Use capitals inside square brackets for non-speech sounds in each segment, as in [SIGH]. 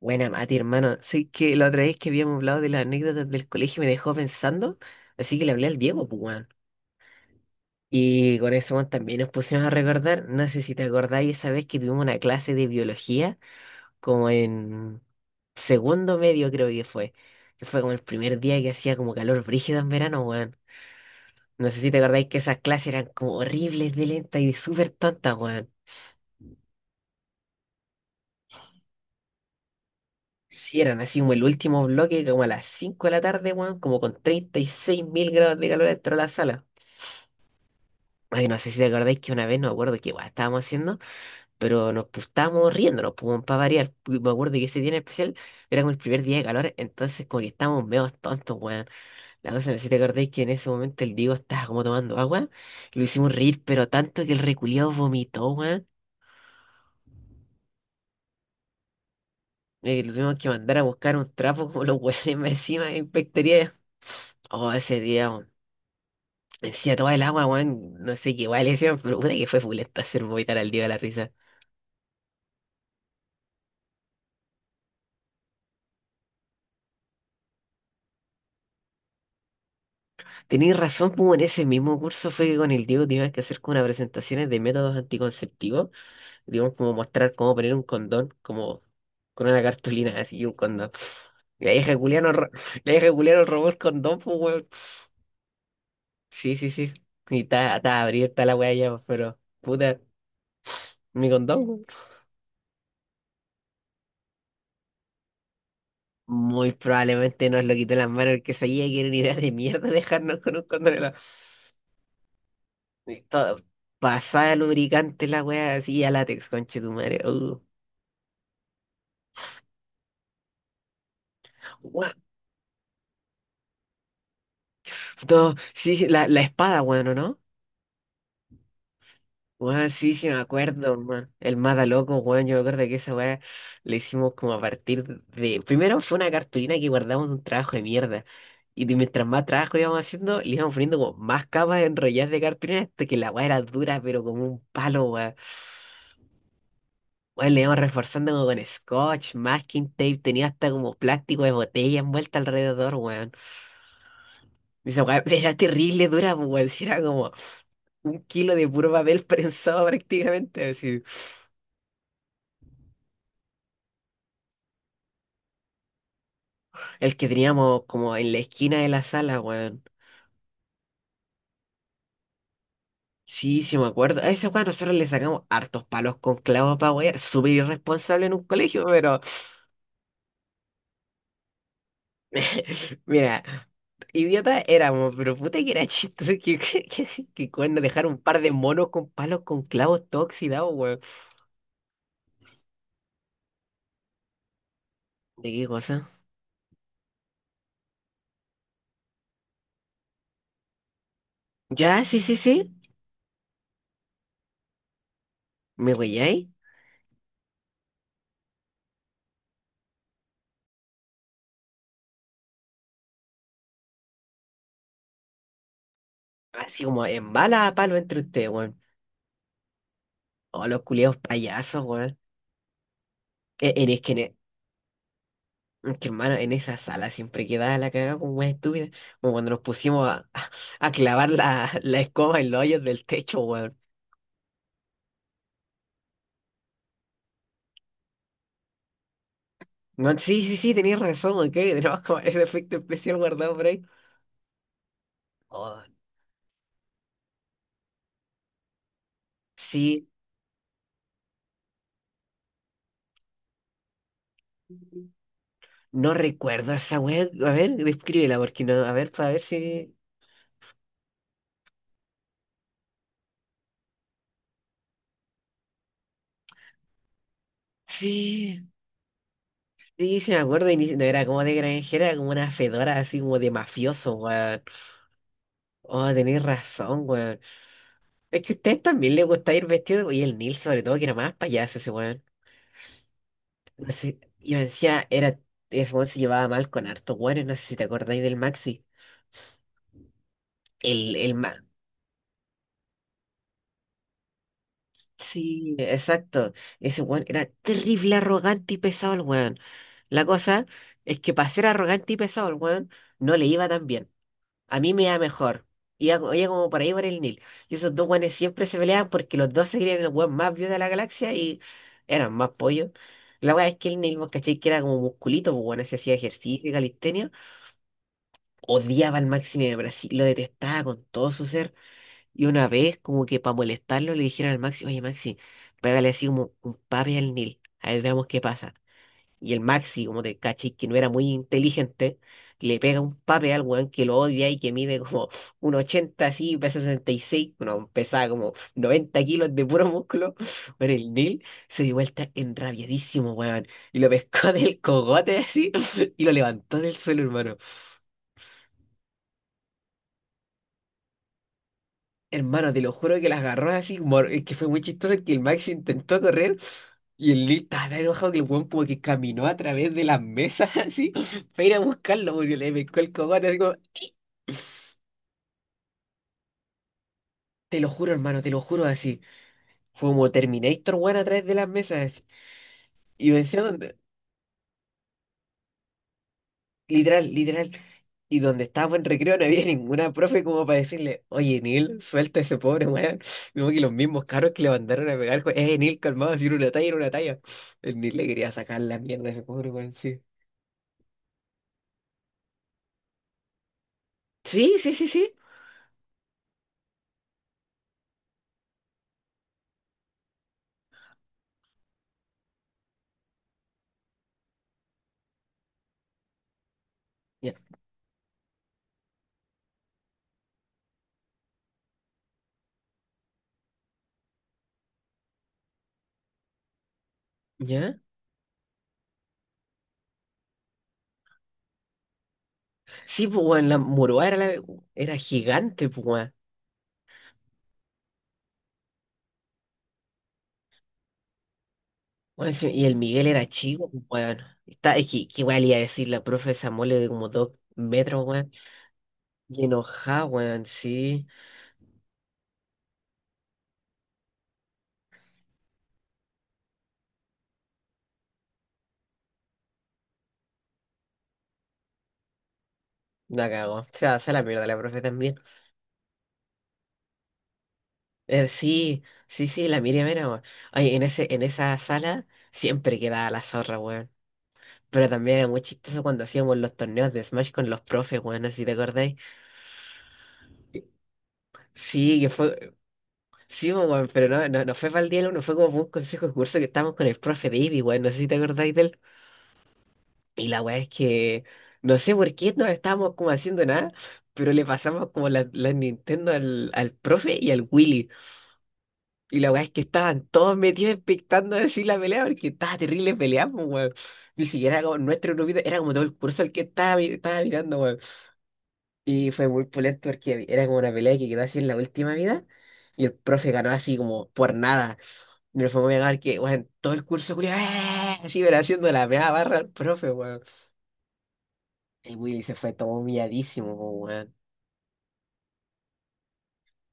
Buena, Mati, hermano. Sí, que la otra vez que habíamos hablado de las anécdotas del colegio me dejó pensando, así que le hablé al Diego, pues, weón. Y con eso, weón, también nos pusimos a recordar, no sé si te acordáis esa vez que tuvimos una clase de biología, como en segundo medio creo que fue como el primer día que hacía como calor brígido en verano, weón. No sé si te acordáis que esas clases eran como horribles de lentas y súper tontas, weón. Sí, eran así como el último bloque, como a las 5 de la tarde, weón, como con 36.000 grados de calor dentro de la sala. Ay, no sé si te acordáis que una vez, no me acuerdo qué guay estábamos haciendo, pero nos pues, estábamos riéndonos, pues, para variar. Me acuerdo que ese día en especial era como el primer día de calor, entonces como que estábamos medio tontos, weón. La cosa, no sé si te acordáis que en ese momento el Diego estaba como tomando agua, lo hicimos reír, pero tanto que el reculiao vomitó, weón. Lo tuvimos que mandar a buscar un trapo como los weones más encima en Pectoría. Oh, ese día, weón. Encima toda el agua, weón. No sé qué guay le hicieron, pero puta que fue fulento hacer vomitar al Diego de la risa. Tenéis razón, pues en ese mismo curso fue que con el Diego tuvimos que hacer como unas presentaciones de métodos anticonceptivos. Tuvimos como mostrar cómo poner un condón, como con una cartulina así y un condón. La vieja culiá [LAUGHS] la vieja culiá nos robó el condón, pues weón. Sí, sí, sí. Y está abierta la weá ya, pues, pero puta, mi condón, weón. Muy probablemente nos lo quitó en las manos el que sabía que era una idea de mierda dejarnos con un condón Y todo, pasada lubricante la weá así a látex, conche tu madre. Todo, sí, sí, la espada, weón, ¿o no? Weón, sí, sí, me acuerdo, weón. El mata loco, weón. Yo me acuerdo que esa weá le hicimos como a partir de. Primero fue una cartulina que guardamos de un trabajo de mierda. Mientras más trabajo íbamos haciendo, le íbamos poniendo como más capas enrolladas de cartulina hasta que la weá era dura, pero como un palo, weón. Weón, le íbamos reforzando como con scotch, masking tape, tenía hasta como plástico de botella envuelta alrededor, weón. Y esa weá era terrible dura, pues, weón. Si era como. Un kilo de puro papel [LAUGHS] prensado prácticamente, así. El que teníamos como en la esquina de la sala, weón. Sí, sí me acuerdo. A ese weón nosotros le sacamos hartos palos con clavos para wear. Súper irresponsable en un colegio, pero [LAUGHS] mira, idiota éramos, pero puta que era chistoso que sí, que cuando dejar un par de monos con palos con clavos todo oxidado, weón. ¿De qué cosa? Ya, sí, sí, sí. ¿Me weyáis? Así como en bala a palo entre ustedes, weón. Oh, los culiados payasos, weón. E- en- Es que en, Es que, hermano, en esa sala siempre quedaba la cagada como más estúpida, como cuando nos pusimos a clavar la escoba en los hoyos del techo, weón. No, sí, sí, sí, tenías razón, ok, [LAUGHS] tenemos como ese efecto especial guardado por ahí. Oh, sí, no recuerdo esa weá. A ver, descríbela, porque no, a ver, para ver si. Sí, sí, sí me acuerdo, y no era como de granjera, era como una fedora así como de mafioso, weón. Oh, tenés razón, weón. Es que a ustedes también les gusta ir vestido, y el Neil sobre todo, que era más payaso ese weón. No sé, yo decía, era, ese weón se llevaba mal con hartos weones, no sé si te acordáis del Maxi. El Maxi, sí, exacto. Ese weón era terrible, arrogante y pesado el weón. La cosa es que para ser arrogante y pesado el weón, no le iba tan bien. A mí me da mejor. Iba, iba como por ahí por el Nil. Y esos dos guanes siempre se peleaban porque los dos se creían el guan más viejo de la galaxia y eran más pollos. La weá es que el Nil, vos cachai que era como musculito, pues bueno, se hacía ejercicio y calistenia. Odiaba al Máximo de Brasil, lo detestaba con todo su ser. Y una vez, como que para molestarlo, le dijeron al Maxi, oye Maxi, pégale así como un papi al Nil. A ver, veamos qué pasa. Y el Maxi, como te caché, que no era muy inteligente, le pega un pape al weón que lo odia y que mide como [LAUGHS] 1,80 así, pesa 66 no, pesaba como 90 kilos de puro músculo. [LAUGHS] Bueno, el Neil se dio vuelta enrabiadísimo, weón, y lo pescó [LAUGHS] del cogote así [LAUGHS] y lo levantó del suelo, hermano. Hermano, te lo juro que las agarró así, es que fue muy chistoso que el Maxi intentó correr y el Neil estaba tan enojado que el weón como que caminó a través de las mesas [LAUGHS] así para ir a buscarlo porque le pescó el cogote así como... Te lo juro, hermano, te lo juro así. Fue como Terminator, weón, a través de las mesas. Así. Y decía donde, literal, literal. Y donde estábamos en recreo no había [LAUGHS] ninguna profe como para decirle, oye, Neil, suelta a ese pobre weón. Como que los mismos carros que le mandaron a pegar, weón, Neil, calmado, si era una talla, era una talla. El Neil le quería sacar la mierda a ese pobre weón, sí. Sí, sí, sí, sí. Ya, ya. Sí, pues, weón, la moroa era, la- era gigante, pues, weón. Bueno, sí, y el Miguel era chico, pues, weón. Que igual iba a decir la profe esa mole de como 2 metros, weón. Y enojada, weón, sí. La cagó. O sea, se la mierda la profe también. Sí, sí, sí, la Miriam era, weón. Ay, en esa sala siempre quedaba la zorra, weón. Pero también era muy chistoso cuando hacíamos los torneos de Smash con los profes, weón, no sé si te acordáis. Sí, que fue. Sí, pues, weón, pero no, no, no fue para el día, no fue como por un consejo de curso que estábamos con el profe de Ivy, weón, no sé si te acordáis de él. Y la weá es que no sé por qué no estábamos como haciendo nada, pero le pasamos como la Nintendo al profe y al Willy. Y la weá es que estaban todos metidos expectando decir la pelea, porque estaba terrible pelea, pues, weón. Ni siquiera como nuestro grupito, era como todo el curso el que estaba, estaba mirando, weón. Y fue muy pulento porque era como una pelea que quedó así en la última vida. Y el profe ganó así como por nada. Me fue muy a que, weón, todo el curso, culiao, ¡eh! Así, pero haciendo la meada barra al profe, weón. El Willy se fue todo humilladísimo, po, weón.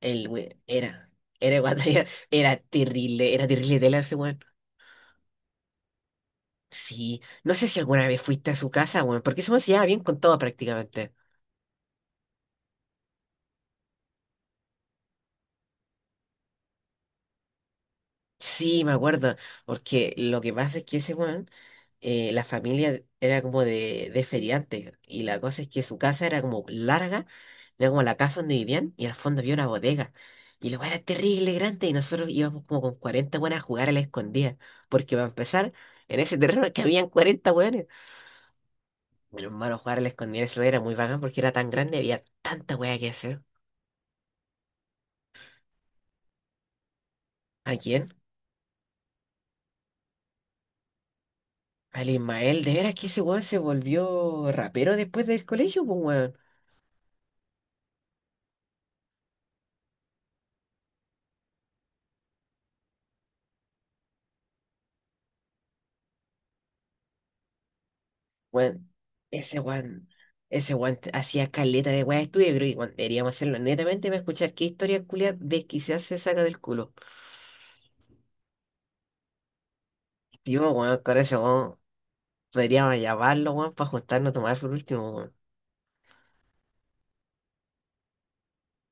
El we- era, era cuando [LAUGHS] era terrible, era terrible de ese weón. Sí, no sé si alguna vez fuiste a su casa, weón, porque se me hacía bien con todo prácticamente. Sí, me acuerdo, porque lo que pasa es que ese weón, la familia era como de feriantes, y la cosa es que su casa era como larga, era como la casa donde vivían, y al fondo había una bodega, y la weá era terrible, grande, y nosotros íbamos como con 40 weones a jugar a la escondida, porque para empezar, en ese terreno que habían 40 weones, mi hermano jugar a la escondida eso era muy bacán, porque era tan grande, había tanta weá que hacer. ¿A quién? Al Ismael, de veras que ese weón se volvió rapero después del colegio, pues weón. Weón, weón, ese weón hacía caleta de weá de estudio, creo que weón, deberíamos hacerlo netamente para escuchar qué historia culia desquiciada se saca del culo. Yo, weón, con ese weón, podríamos llamarlo, weón, para juntarnos a tomar por último, weón.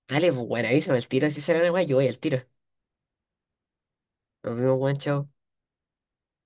Dale, pues, weón, avísame el tiro, si sale la weá, yo voy al tiro. Nos vemos, weón, chao.